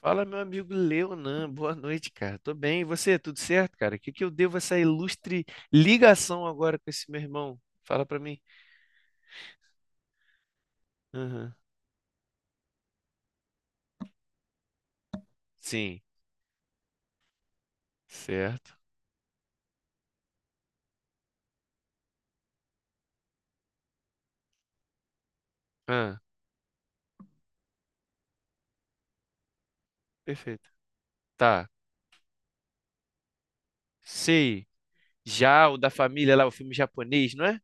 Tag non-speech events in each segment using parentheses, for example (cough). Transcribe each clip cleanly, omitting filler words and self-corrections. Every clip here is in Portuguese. Fala, meu amigo Leonan, boa noite, cara. Tô bem, e você? Tudo certo, cara? O que que eu devo essa ilustre ligação agora com esse meu irmão? Fala pra mim. Aham. Sim, certo. Ah, perfeito. Tá, sei. Já o da família lá, o filme japonês, não é?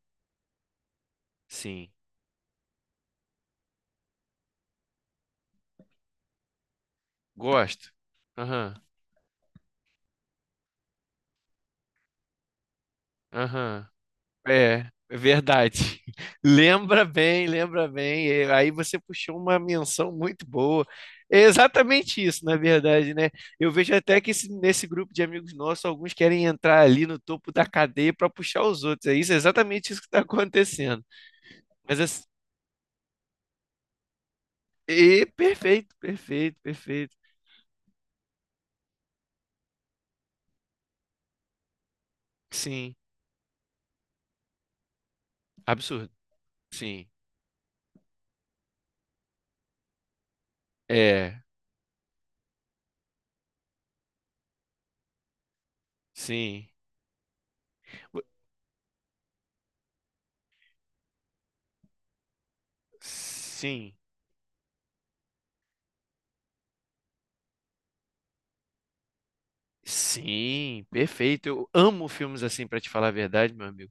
Sim, gosto. Aham, aham. É verdade. (laughs) Lembra bem, lembra bem. E aí você puxou uma menção muito boa. É exatamente isso, na verdade, né? Eu vejo até que nesse grupo de amigos nossos, alguns querem entrar ali no topo da cadeia para puxar os outros. É isso, é exatamente isso que está acontecendo. Mas assim, e perfeito, perfeito, perfeito. Sim, absurdo. Sim, é, sim, sim. Sim, perfeito. Eu amo filmes assim, pra te falar a verdade, meu amigo.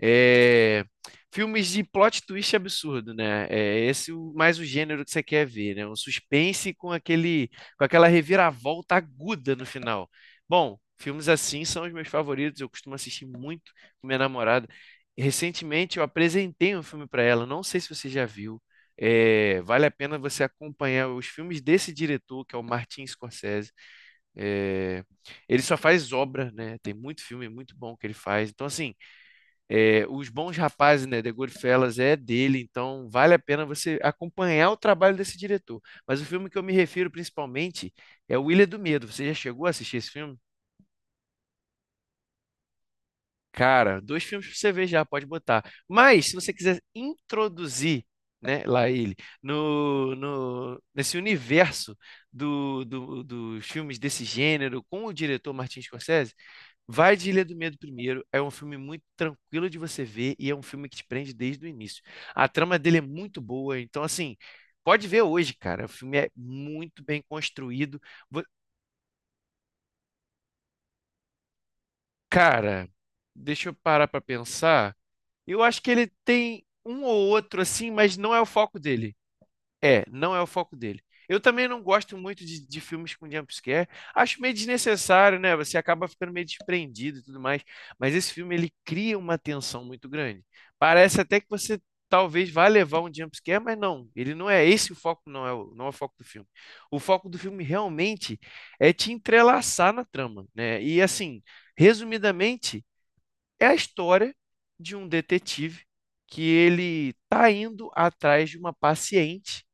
É, filmes de plot twist absurdo, né? É esse mais o gênero que você quer ver, né? Com aquela reviravolta aguda no final. Bom, filmes assim são os meus favoritos. Eu costumo assistir muito com minha namorada. Recentemente eu apresentei um filme pra ela. Não sei se você já viu. É, vale a pena você acompanhar os filmes desse diretor, que é o Martin Scorsese. É, Ele só faz obra, né? Tem muito filme muito bom que ele faz. Então, assim, Os Bons Rapazes, né? The Goodfellas é dele, então vale a pena você acompanhar o trabalho desse diretor. Mas o filme que eu me refiro principalmente é O Ilha do Medo. Você já chegou a assistir esse filme? Cara, dois filmes pra você ver já, pode botar. Mas, se você quiser introduzir, né, lá ele, no, no, nesse universo dos filmes desse gênero com o diretor Martin Scorsese, vai de Ilha do Medo primeiro. É um filme muito tranquilo de você ver e é um filme que te prende desde o início. A trama dele é muito boa, então assim, pode ver hoje, cara. O filme é muito bem construído. Vo- Cara, deixa eu parar pra pensar. Eu acho que ele tem um ou outro assim, mas não é o foco dele. É, não é o foco dele. Eu também não gosto muito de filmes com jumpscare. Acho meio desnecessário, né? Você acaba ficando meio desprendido e tudo mais. Mas esse filme, ele cria uma tensão muito grande. Parece até que você talvez vá levar um jumpscare, mas não. Ele não é esse o foco, não é não é o foco do filme. O foco do filme realmente é te entrelaçar na trama, né? E assim, resumidamente, é a história de um detetive que ele tá indo atrás de uma paciente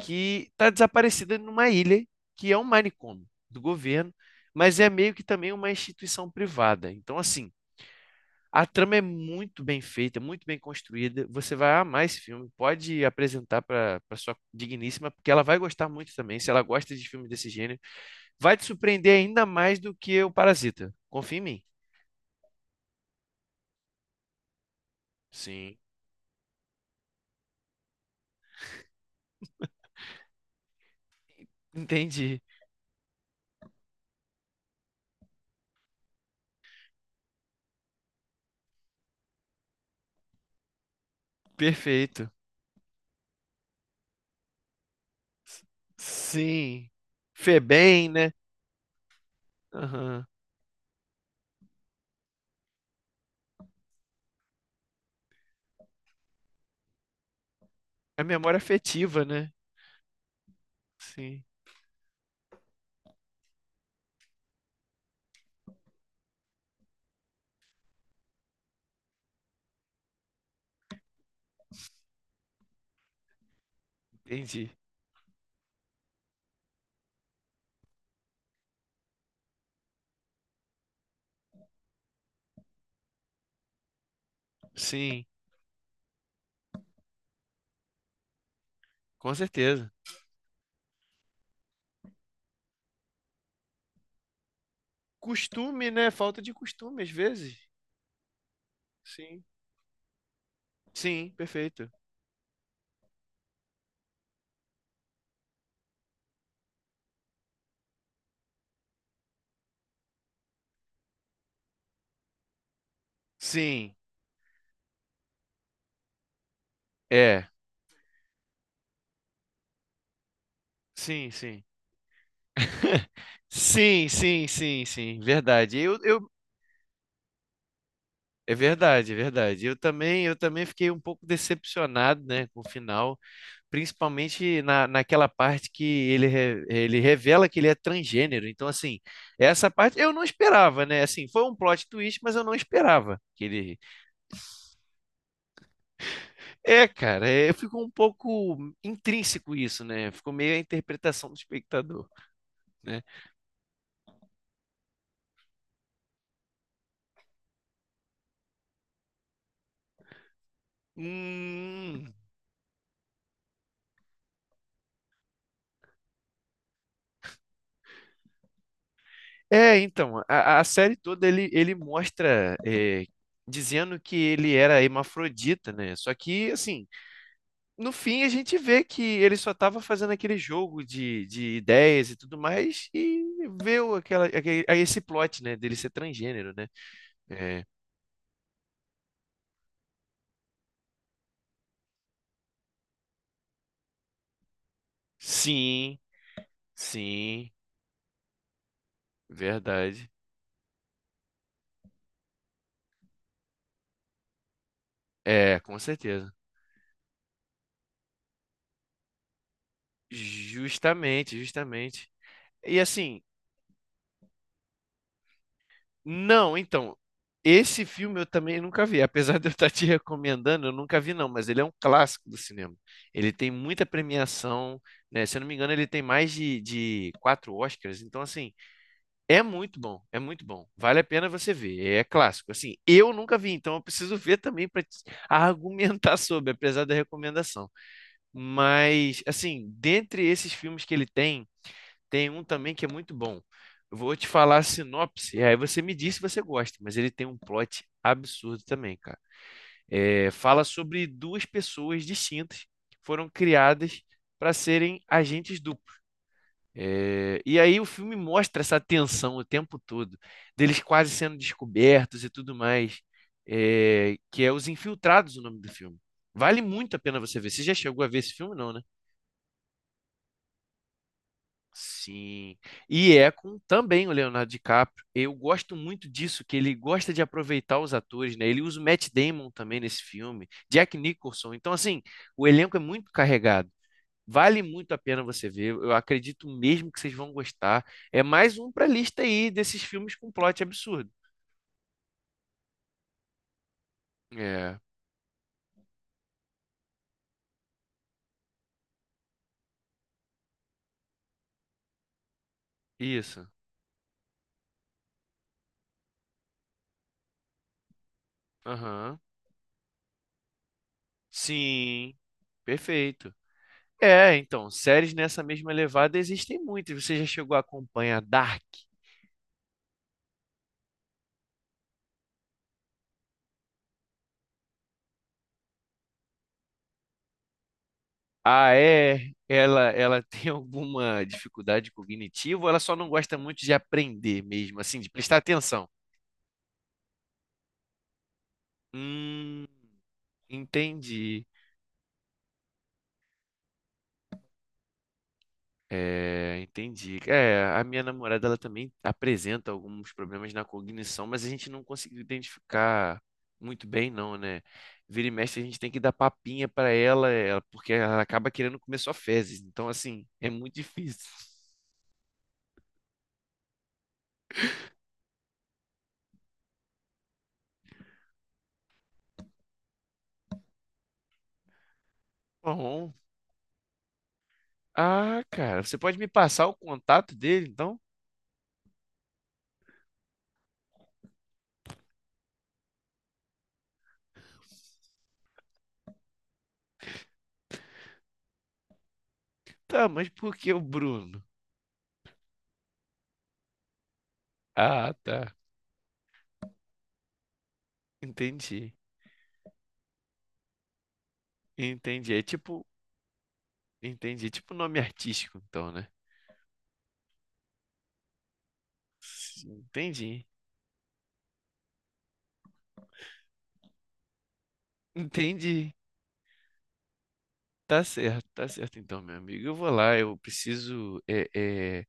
que está desaparecida numa ilha que é um manicômio do governo, mas é meio que também uma instituição privada. Então, assim, a trama é muito bem feita, muito bem construída. Você vai amar esse filme. Pode apresentar para sua digníssima, porque ela vai gostar muito também. Se ela gosta de filmes desse gênero, vai te surpreender ainda mais do que o Parasita. Confia em mim. Sim, entendi. Perfeito. S- Sim. Febem, né? Aham. É memória afetiva, né? Sim, entendi. Sim, com certeza. Costume, né? Falta de costume, às vezes. Sim. Sim, perfeito. Sim, é. Sim, sim. (laughs) Sim, sim, sim, sim, verdade. É verdade, é verdade. Eu também fiquei um pouco decepcionado, né, com o final. Principalmente naquela parte que ele, ele revela que ele é transgênero. Então, assim, essa parte eu não esperava, né? Assim, foi um plot twist, mas eu não esperava que ele. É, cara, é, ficou um pouco intrínseco isso, né? Ficou meio a interpretação do espectador, né? Hum. É, então, a série toda ele mostra. Dizendo que ele era hermafrodita, né? Só que, assim, no fim a gente vê que ele só estava fazendo aquele jogo de ideias e tudo mais e veio aquela, aquele, a esse plot, né, dele ser transgênero, né? É, sim, sim, verdade. É, com certeza. Justamente, justamente. E assim, não, então, esse filme eu também nunca vi, apesar de eu estar te recomendando, eu nunca vi não, mas ele é um clássico do cinema. Ele tem muita premiação, né? Se eu não me engano, ele tem mais de 4 Oscars, então assim, é muito bom, é muito bom. Vale a pena você ver. É clássico. Assim, eu nunca vi, então eu preciso (laughs) ver também para argumentar (laughs) sobre, apesar da recomendação. Mas, assim, dentre esses filmes que ele tem, tem um também que é muito bom. Eu vou te falar a sinopse, e aí você me diz se você gosta, mas ele tem um plot absurdo também, cara. É, fala sobre duas pessoas distintas que foram criadas para serem agentes duplos e aí o filme mostra essa tensão o tempo todo, deles quase sendo descobertos e tudo mais, é, que é Os Infiltrados, o nome do filme. Vale muito a pena você ver. Você já chegou a ver esse filme, não, né? Sim. E é com também o Leonardo DiCaprio. Eu gosto muito disso, que ele gosta de aproveitar os atores, né? Ele usa o Matt Damon também nesse filme, Jack Nicholson. Então, assim, o elenco é muito carregado. Vale muito a pena você ver. Eu acredito mesmo que vocês vão gostar. É mais um pra lista aí desses filmes com plot absurdo. É, isso. Aham. Sim, perfeito. É, então, séries nessa mesma levada existem muitas. Você já chegou a acompanhar Dark? Ah, é? Ela (laughs) tem alguma dificuldade cognitiva ou ela só não gosta muito de aprender mesmo, assim, de prestar atenção? Hum, entendi. É, entendi. É, a minha namorada ela também apresenta alguns problemas na cognição, mas a gente não conseguiu identificar muito bem, não, né? Vira e mexe, a gente tem que dar papinha para ela, ela- porque ela acaba querendo comer só fezes. Então, assim, é muito difícil. Bom, ah, cara, você pode me passar o contato dele, então? Tá, mas por que o Bruno? Ah, tá. Entendi. Entendi. É tipo, entendi. É tipo nome artístico, então, né? Sim. Entendi. Entendi. Tá certo então, meu amigo. Eu vou lá, eu preciso é,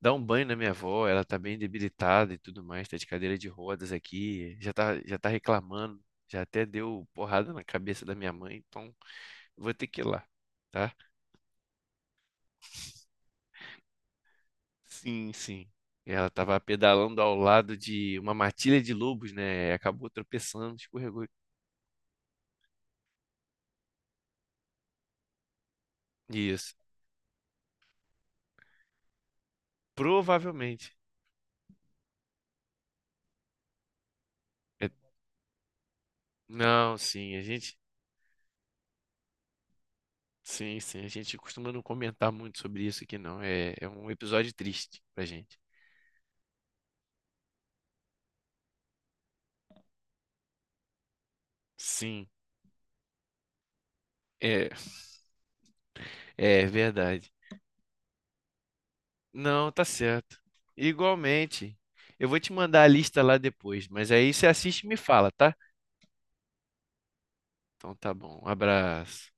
dar um banho na minha avó, ela tá bem debilitada e tudo mais, tá de cadeira de rodas aqui, já tá reclamando, já até deu porrada na cabeça da minha mãe, então eu vou ter que ir lá, tá? Sim, sim. Ela tava pedalando ao lado de uma matilha de lobos, né? Acabou tropeçando, escorregou. Isso. Provavelmente. É- Não, sim, a gente. Sim, sim, a gente costuma não comentar muito sobre isso aqui, não. É, é um episódio triste pra gente. Sim, é, é verdade. Não, tá certo. Igualmente. Eu vou te mandar a lista lá depois, mas aí você assiste e me fala, tá? Então tá bom. Um abraço.